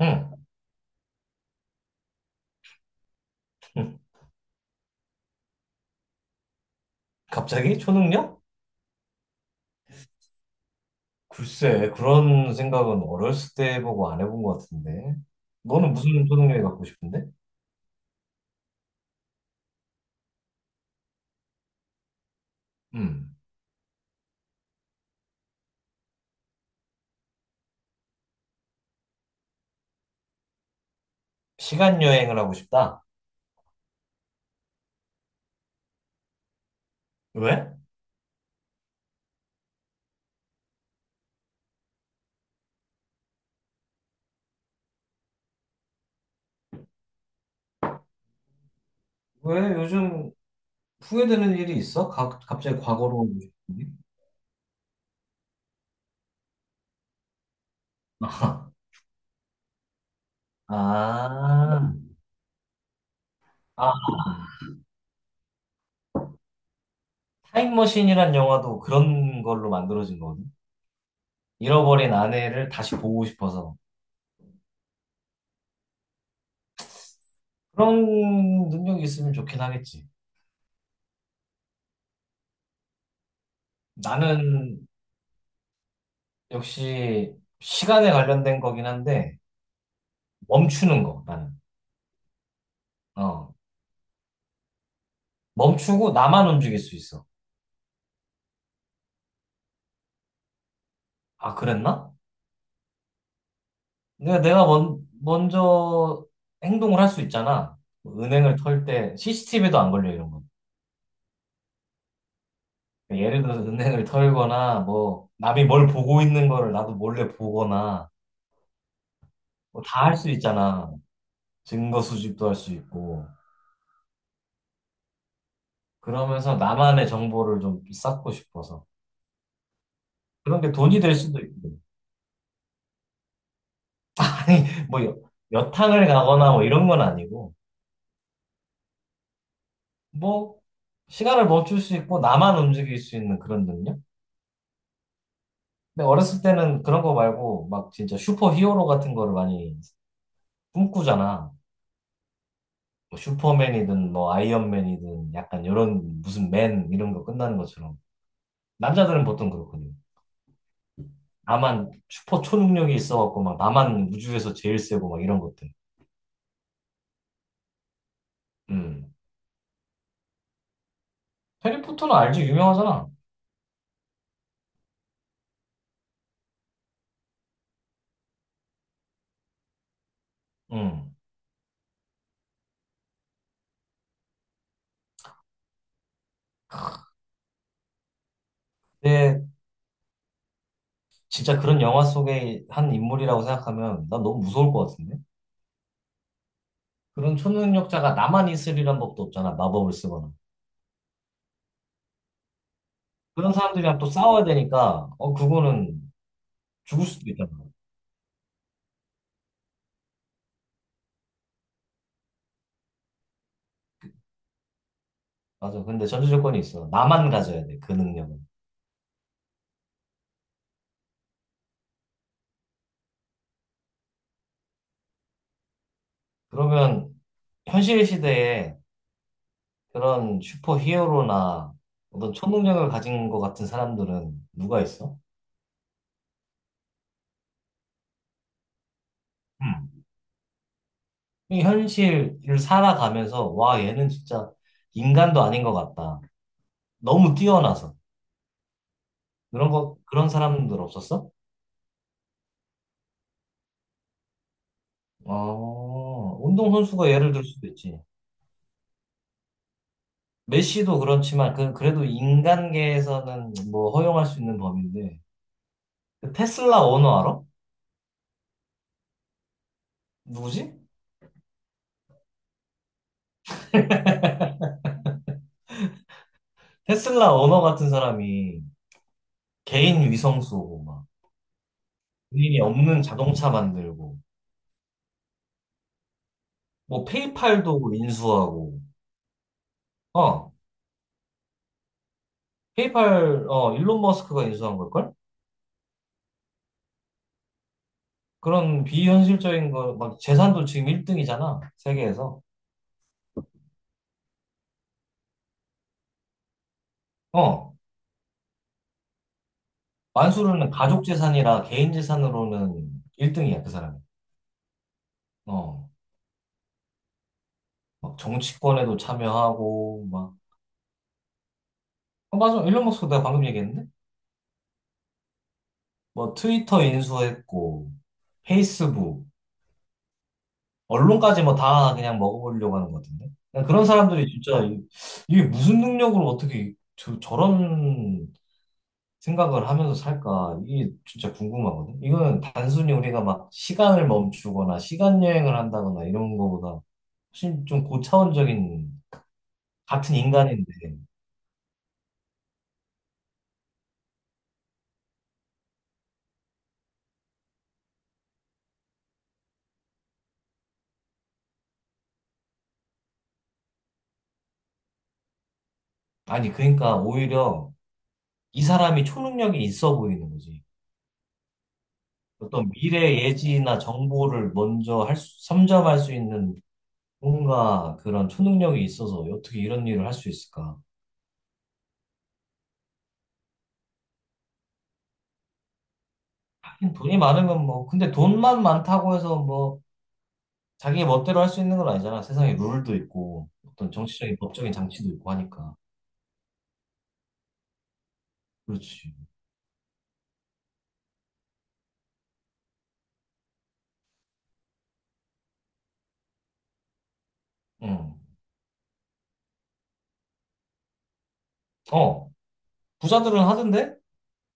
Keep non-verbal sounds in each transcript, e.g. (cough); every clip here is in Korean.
응. (laughs) 응. 갑자기 초능력? 글쎄, 그런 생각은 어렸을 때 해보고 안 해본 것 같은데. 너는 무슨 초능력이 갖고 싶은데? 음. 시간 여행을 하고 싶다. 왜? 왜 요즘 후회되는 일이 있어? 갑자기 과거로 오고 싶은데? (laughs) 아, 아, 아, 타임머신이란 영화도 그런 걸로 만들어진 거거든. 잃어버린 아내를 다시 보고 싶어서. 그런 능력이 있으면 좋긴 하겠지. 나는 역시 시간에 관련된 거긴 한데 멈추는 거 나는 어 멈추고 나만 움직일 수 있어. 아, 그랬나? 내가 먼저 행동을 할 수 있잖아. 뭐 은행을 털 때 CCTV도 안 걸려 이런 건, 그러니까 예를 들어서 은행을 털거나 뭐 남이 뭘 보고 있는 거를 나도 몰래 보거나 뭐 다 할 수 있잖아. 증거 수집도 할 수 있고 그러면서 나만의 정보를 좀 쌓고 싶어서. 그런 게 돈이 될 수도 있고. 아니, 뭐, 여탕을 가거나 뭐 이런 건 아니고, 뭐, 시간을 멈출 수 있고, 나만 움직일 수 있는 그런 능력? 근데 어렸을 때는 그런 거 말고, 막 진짜 슈퍼 히어로 같은 거를 많이 꿈꾸잖아. 뭐 슈퍼맨이든, 뭐, 아이언맨이든, 약간 이런 무슨 맨 이런 거 끝나는 것처럼. 남자들은 보통 그렇거든. 나만 슈퍼 초능력이 있어갖고, 막 나만 우주에서 제일 세고, 막 이런 것들. 음. 해리포터는 알지? 유명하잖아. 음. 근데 진짜 그런 영화 속의 한 인물이라고 생각하면 난 너무 무서울 것 같은데? 그런 초능력자가 나만 있으리란 법도 없잖아, 마법을 쓰거나. 그런 사람들이랑 또 싸워야 되니까, 어, 그거는 죽을 수도 있잖아. 맞아. 근데 전제 조건이 있어. 나만 가져야 돼, 그 능력은. 그러면 현실 시대에 그런 슈퍼 히어로나 어떤 초능력을 가진 것 같은 사람들은 누가 있어? 음. 이 현실을 살아가면서, 와, 얘는 진짜 인간도 아닌 것 같다. 너무 뛰어나서. 그런 거, 그런 사람들 없었어? 어, 운동선수가 예를 들 수도 있지. 메시도 그렇지만, 그, 그래도 인간계에서는 뭐 허용할 수 있는 범위인데. 그 테슬라 오너 알아? 누구지? 테슬라 오너 같은 사람이 개인 위성 쏘고, 막, 본인이 없는 자동차 만들고, 뭐, 페이팔도 인수하고, 어, 페이팔, 어, 일론 머스크가 인수한 걸걸? 그런 비현실적인 거, 막, 재산도 지금 1등이잖아, 세계에서. 어. 만수르는 가족 재산이라 개인 재산으로는 1등이야, 그 사람이. 어, 막 정치권에도 참여하고, 막. 어, 맞아. 일론 머스크 내가 방금 얘기했는데? 뭐 트위터 인수했고, 페이스북, 언론까지 뭐 다 그냥 먹어보려고 하는 것 같은데? 그냥 그런 사람들이 진짜 이게 무슨 능력으로 어떻게 저런 생각을 하면서 살까? 이게 진짜 궁금하거든? 이거는 단순히 우리가 막 시간을 멈추거나 시간 여행을 한다거나 이런 거보다 훨씬 좀 고차원적인 같은 인간인데. 아니, 그러니까 오히려 이 사람이 초능력이 있어 보이는 거지. 어떤 미래 예지나 정보를 먼저 할 수, 선점할 수 있는 뭔가 그런 초능력이 있어서 어떻게 이런 일을 할 수 있을까? 돈이 많으면 뭐, 근데 돈만 많다고 해서 뭐, 자기 멋대로 할 수 있는 건 아니잖아. 세상에 룰도 있고, 어떤 정치적인 법적인 장치도 있고 하니까. 그렇지. 응. 어, 부자들은 하던데?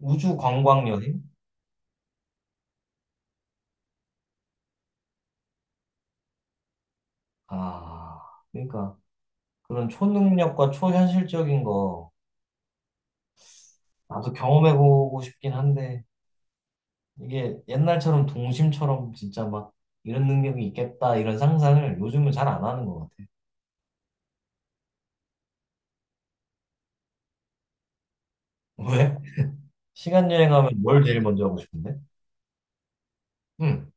우주 관광 여행? 아, 그러니까. 그런 초능력과 초현실적인 거 나도 경험해보고 싶긴 한데 이게 옛날처럼 동심처럼 진짜 막 이런 능력이 있겠다 이런 상상을 요즘은 잘 안 하는 것 같아. 왜? 시간 여행하면 뭘 제일 먼저 하고 싶은데? 응,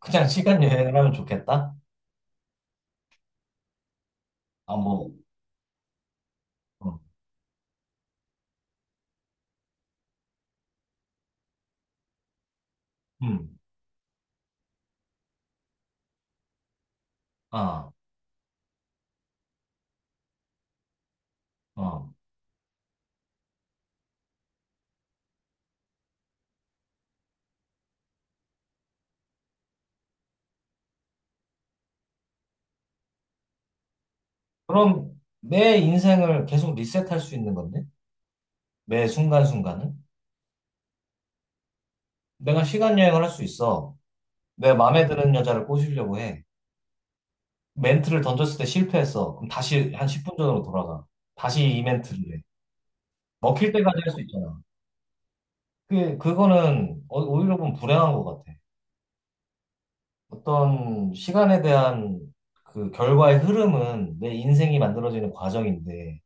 그냥 시간 여행을 하면 좋겠다? 아, 뭐, 어, 음, 아, 어. 그럼 내 인생을 계속 리셋할 수 있는 건데? 매 순간순간은? 내가 시간 여행을 할 수 있어. 내 마음에 드는 여자를 꼬시려고 해. 멘트를 던졌을 때 실패했어. 그럼 다시 한 10분 전으로 돌아가. 다시 이 멘트를 해. 먹힐 때까지 할 수 있잖아. 그거는 오히려 보면 불행한 것 같아. 어떤 시간에 대한 그 결과의 흐름은 내 인생이 만들어지는 과정인데,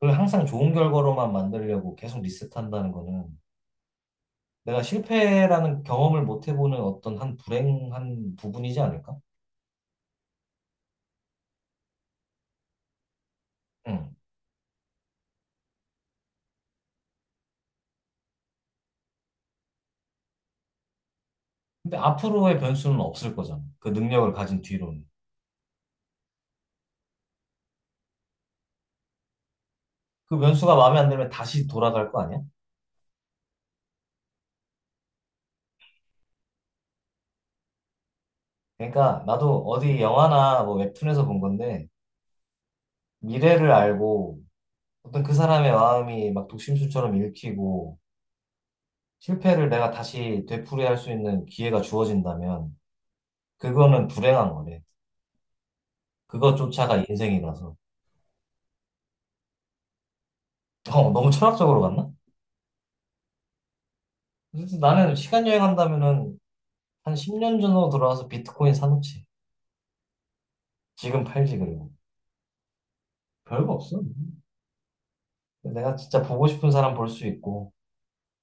그걸 항상 좋은 결과로만 만들려고 계속 리셋한다는 거는 내가 실패라는 경험을 못 해보는 어떤 한 불행한 부분이지 않을까? 응. 근데 앞으로의 변수는 없을 거잖아. 그 능력을 가진 뒤로는. 그 변수가 마음에 안 들면 다시 돌아갈 거 아니야? 그러니까 나도 어디 영화나 뭐 웹툰에서 본 건데 미래를 알고 어떤 그 사람의 마음이 막 독심술처럼 읽히고 실패를 내가 다시 되풀이할 수 있는 기회가 주어진다면 그거는 불행한 거래. 그것조차가 인생이라서. 어, 너무 철학적으로 갔나? 그래서 나는 시간 여행한다면은 한 10년 전으로 돌아와서 비트코인 사놓지. 지금 팔지 그리고. 별거 없어. 내가 진짜 보고 싶은 사람 볼 수 있고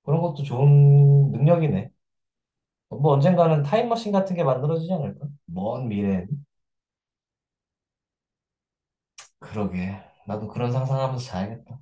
그런 것도 좋은 능력이네. 뭐 언젠가는 타임머신 같은 게 만들어지지 않을까? 먼 미래엔. 그러게. 나도 그런 상상하면서 자야겠다.